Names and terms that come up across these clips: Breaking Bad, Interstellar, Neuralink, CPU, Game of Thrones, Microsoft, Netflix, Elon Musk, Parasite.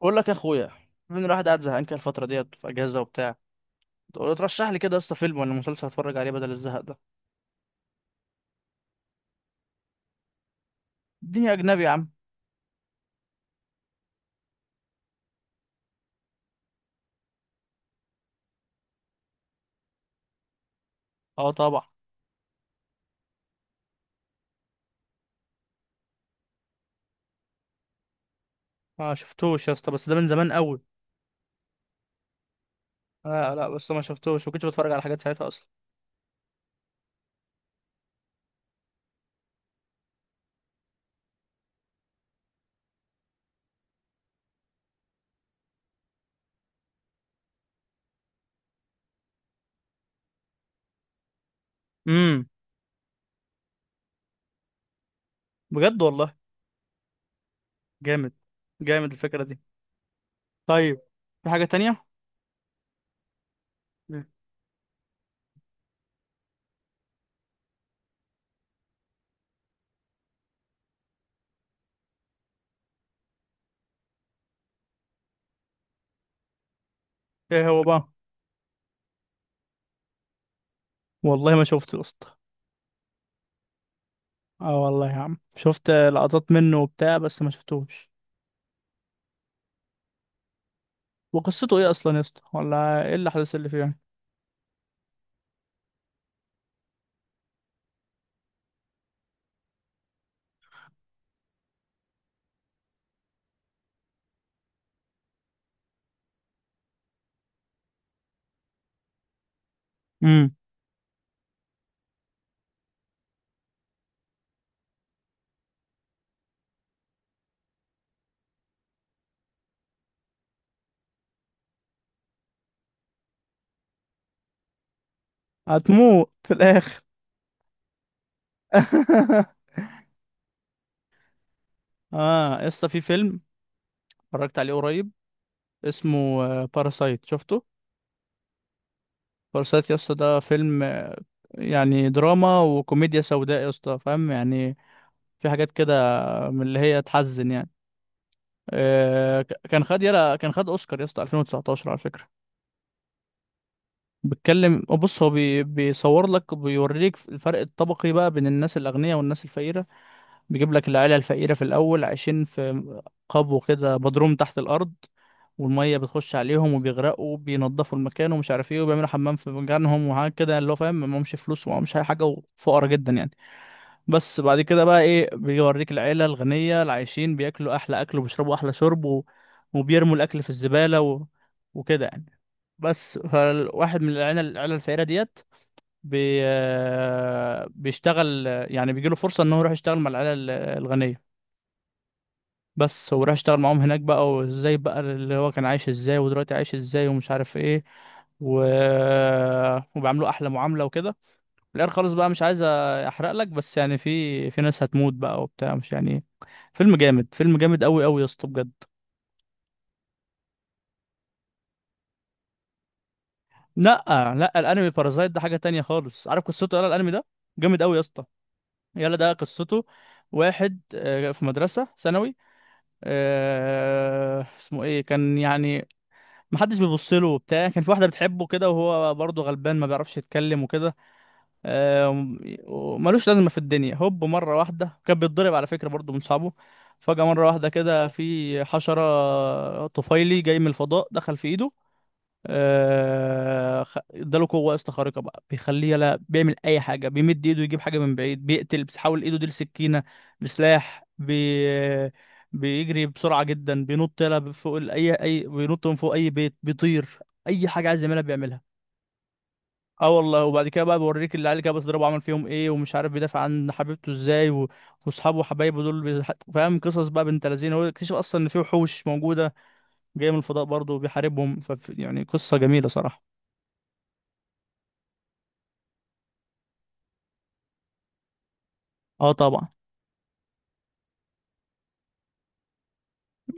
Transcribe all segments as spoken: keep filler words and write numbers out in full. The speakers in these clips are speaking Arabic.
بقول لك يا اخويا، من الواحد قاعد زهقان كده الفتره ديت في اجازه وبتاع. تقول ترشح لي كده يا اسطى فيلم ولا مسلسل اتفرج عليه بدل الزهق ده. الدنيا اجنبي يا عم. اه طبعا. ما شفتوش يا اسطى بس ده من زمان قوي. لا لا بس ما شفتوش، ما كنتش بتفرج على حاجات ساعتها اصلا. امم بجد والله. جامد. جامد الفكره دي. طيب في حاجه تانية. مم. ايه هو بقى؟ والله ما شفته يا اسطى. اه والله يا عم، شفت لقطات منه وبتاع بس ما شفتوش. وقصته ايه اصلا يا اسطى، ولا ايه الاحداث اللي فيه يعني؟ امم هتموت في الاخر. اه يا اسطى، في فيلم اتفرجت عليه قريب اسمه باراسايت، شفته؟ باراسايت يا اسطى، ده فيلم آه، يعني دراما وكوميديا سوداء يا اسطى، فاهم يعني؟ في حاجات كده من اللي هي تحزن يعني. آه ك- كان خد يلا كان خد اوسكار يا اسطى ألفين وتسعطاشر على فكره. بيتكلم، بص هو بي بيصور لك، بيوريك الفرق الطبقي بقى بين الناس الاغنياء والناس الفقيره. بيجيب لك العيلة الفقيرة في الأول عايشين في قبو كده مضروم تحت الأرض، والمية بتخش عليهم وبيغرقوا، بينضفوا المكان ومش عارف ايه، وبيعملوا حمام في مكانهم وحاجات كده يعني، اللي هو فاهم معهمش فلوس ومعهمش أي حاجة وفقرا جدا يعني. بس بعد كده بقى ايه، بيوريك العيلة الغنية اللي عايشين بياكلوا أحلى أكل وبيشربوا أحلى شرب، و... وبيرموا الأكل في الزبالة و... وكده يعني. بس فالواحد من العيلة العيلة الفقيرة ديت بي... بيشتغل، يعني بيجيله فرصة إن هو يروح يشتغل مع العيلة الغنية. بس وراح اشتغل معاهم هناك بقى، وازاي بقى اللي هو كان عايش ازاي ودلوقتي عايش ازاي ومش عارف ايه، و... وبيعملوا احلى معاملة وكده. في الاخر خالص بقى مش عايز احرق لك، بس يعني في في ناس هتموت بقى وبتاع، مش يعني. فيلم جامد، فيلم جامد قوي قوي يا اسطى بجد. لا لا، الانمي بارازايت ده حاجة تانية خالص. عارف قصته؟ يلا الانمي ده جامد قوي يا اسطى. يلا ده قصته: واحد آه، في مدرسة ثانوي، آه، اسمه ايه كان يعني، محدش بيبص له وبتاع. كان في واحده بتحبه كده، وهو برضه غلبان ما بيعرفش يتكلم وكده، آه، وم- وملوش لازمه في الدنيا. هوب مره واحده، كان بيتضرب على فكره برضه من صحابه، فجاه مره واحده كده في حشره طفيلي جاي من الفضاء دخل في ايده. آه، خ- اداله قوه اسطى خارقه بقى، بيخليه يلا بيعمل اي حاجه، بيمد ايده يجيب حاجه من بعيد، بيقتل، بيحول ايده دي لسكينه لسلاح، بي بيجري بسرعه جدا، بينط يلا فوق ال- اي اي بينط من فوق اي بيت، بيطير، اي حاجه عايز يعملها بيعملها. اه والله، وبعد كده بقى بوريك العيال اللي كده بتضربه عمل فيهم ايه، ومش عارف بيدافع عن حبيبته ازاي و... واصحابه وحبايبه دول بيح- فاهم. قصص بقى بنت لذينه، هو اكتشف اصلا ان في وحوش موجوده جايه من الفضاء برضه وبيحاربهم. ف يعني قصه جميله صراحه. اه طبعا.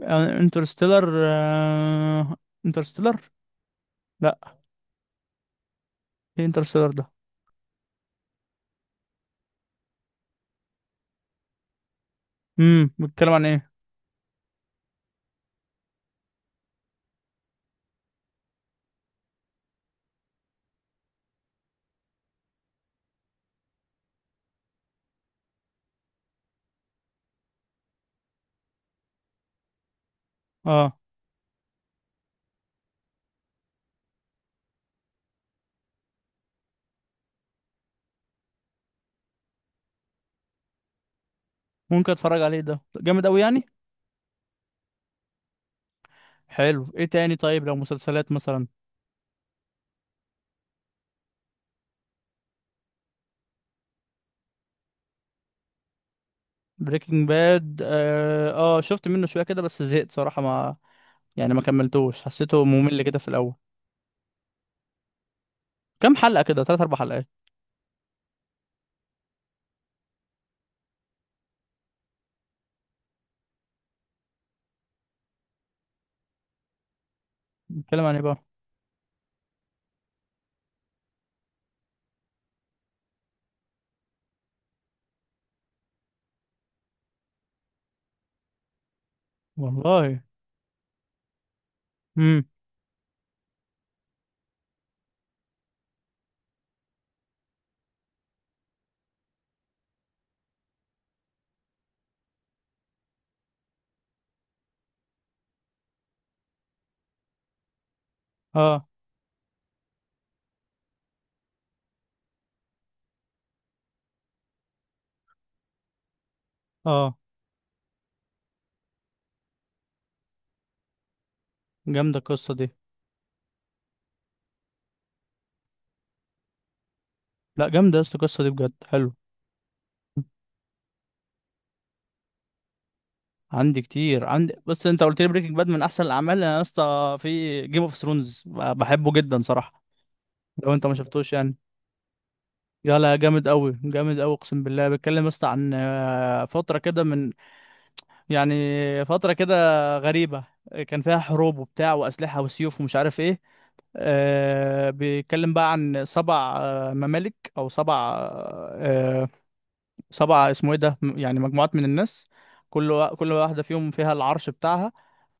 يعني انترستيلر آه، انترستيلر، لا، ايه انترستيلر ده؟ امم بيتكلم عن ايه؟ اه ممكن اتفرج عليه، ده جامد قوي يعني. حلو. ايه تاني طيب، لو مسلسلات مثلا؟ بريكنج باد، اه. آه، شفت منه شويه كده بس زهقت صراحه، ما يعني ما كملتوش، حسيته ممل كده في الاول. كام حلقه كده، تلات اربع حلقات. بيتكلم عن ايه بقى؟ والله. امم. اه. اه جامده القصه دي. لا جامده يا اسطى القصه دي بجد، حلو. عندي كتير، عندي، بص، انت قلت لي بريكنج باد من احسن الاعمال، انا يا اسطى في جيم اوف ثرونز بحبه جدا صراحه. لو انت ما شفتوش يعني؟ لا لا، جامد قوي، جامد قوي، اقسم بالله. بيتكلم يا اسطى عن آه، فتره كده من، يعني فتره كده غريبه، كان فيها حروب وبتاع واسلحه وسيوف ومش عارف ايه. آه، بيتكلم بقى عن سبع آه، ممالك او سبع آه، سبعة، اسمه ايه ده، م- يعني مجموعات من الناس، كل وا- كل واحدة فيهم فيها العرش بتاعها.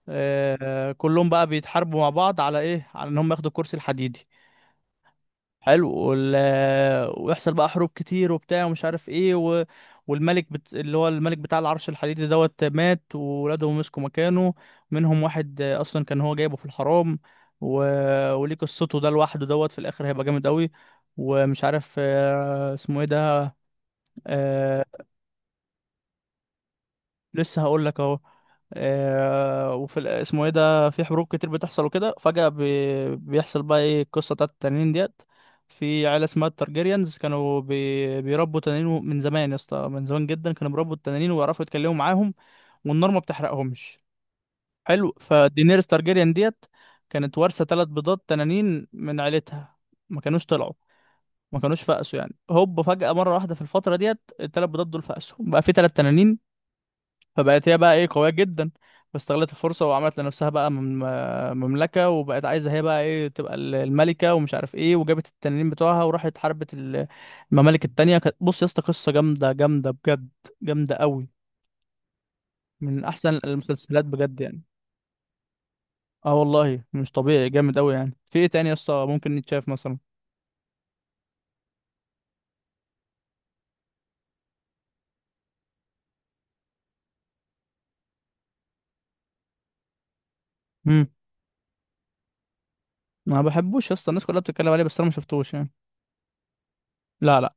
آه، كلهم بقى بيتحاربوا مع بعض على ايه، على ان هم ياخدوا الكرسي الحديدي. حلو. وال... ويحصل بقى حروب كتير وبتاع ومش عارف ايه، و... والملك بت... اللي هو الملك بتاع العرش الحديدي دوت مات، وولاده مسكوا مكانه. منهم واحد آه، اصلا كان هو جايبه في الحرام، و... وليه قصته ده لوحده، دوت في الاخر هيبقى جامد قوي. ومش عارف آه، اسمه ايه ده. آه، لسه هقول لك اهو. آه، وفي ال- اسمه ايه ده، في حروب كتير بتحصل وكده، فجأة بي- بيحصل بقى ايه، القصة بتاعت التنانين ديت. في عيلة اسمها التارجيريانز، كانوا بي... بيربوا تنانين و- من زمان يا اسطى، من زمان جدا كانوا بيربوا التنانين ويعرفوا يتكلموا معاهم، والنار ما بتحرقهمش. حلو. فدينيرس تارجيريان ديت كانت وارثة ثلاث بيضات تنانين من عيلتها، ما كانوش طلعوا ما كانوش فقسوا يعني. هوب فجأة مرة واحدة في الفترة ديت الثلاث بيضات دول فقسوا بقى في ثلاث تنانين. فبقت هي بقى ايه قوية جدا، واستغلت الفرصة وعملت لنفسها بقى مم- آه، مملكة، وبقت عايزة هي بقى ايه تبقى ال- الملكة، ومش عارف ايه، وجابت التنانين بتوعها وراحت حاربت ال- الممالك التانية. كانت- بص يا اسطى، قصة جامدة جامدة بجد، جامدة قوي، من احسن المسلسلات بجد يعني. اه والله مش طبيعي، جامد قوي يعني. في ايه تاني يا اسطى ممكن يتشاف مثلا؟ امم. ما بحبوش يا اسطى، الناس كلها بتتكلم عليه بس انا ما شفتوش يعني. لا لا.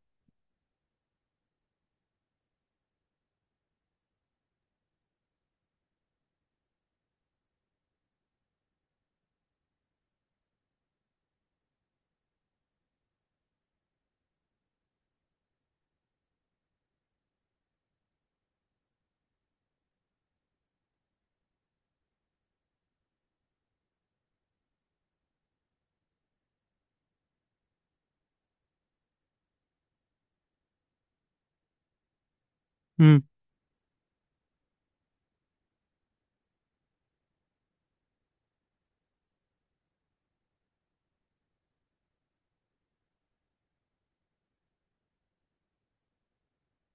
امم.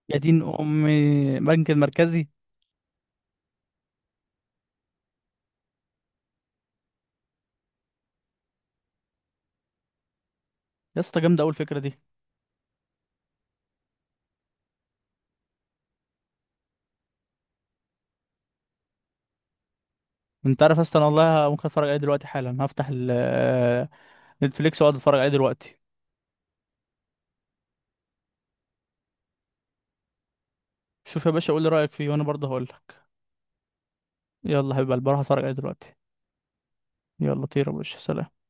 يا دين امي، بنك المركزي! يا اسطى جامدة قوي الفكرة دي. انت عارف اصلا والله ممكن اتفرج عليه دلوقتي حالا، هفتح ال- آه، نتفليكس واقعد اتفرج عليه دلوقتي. شوف يا باشا، قول لي رايك فيه وانا برضه هقول لك. يلا حبيب قلبي، هروح اتفرج عليه دلوقتي. يلا طير يا باشا، سلام.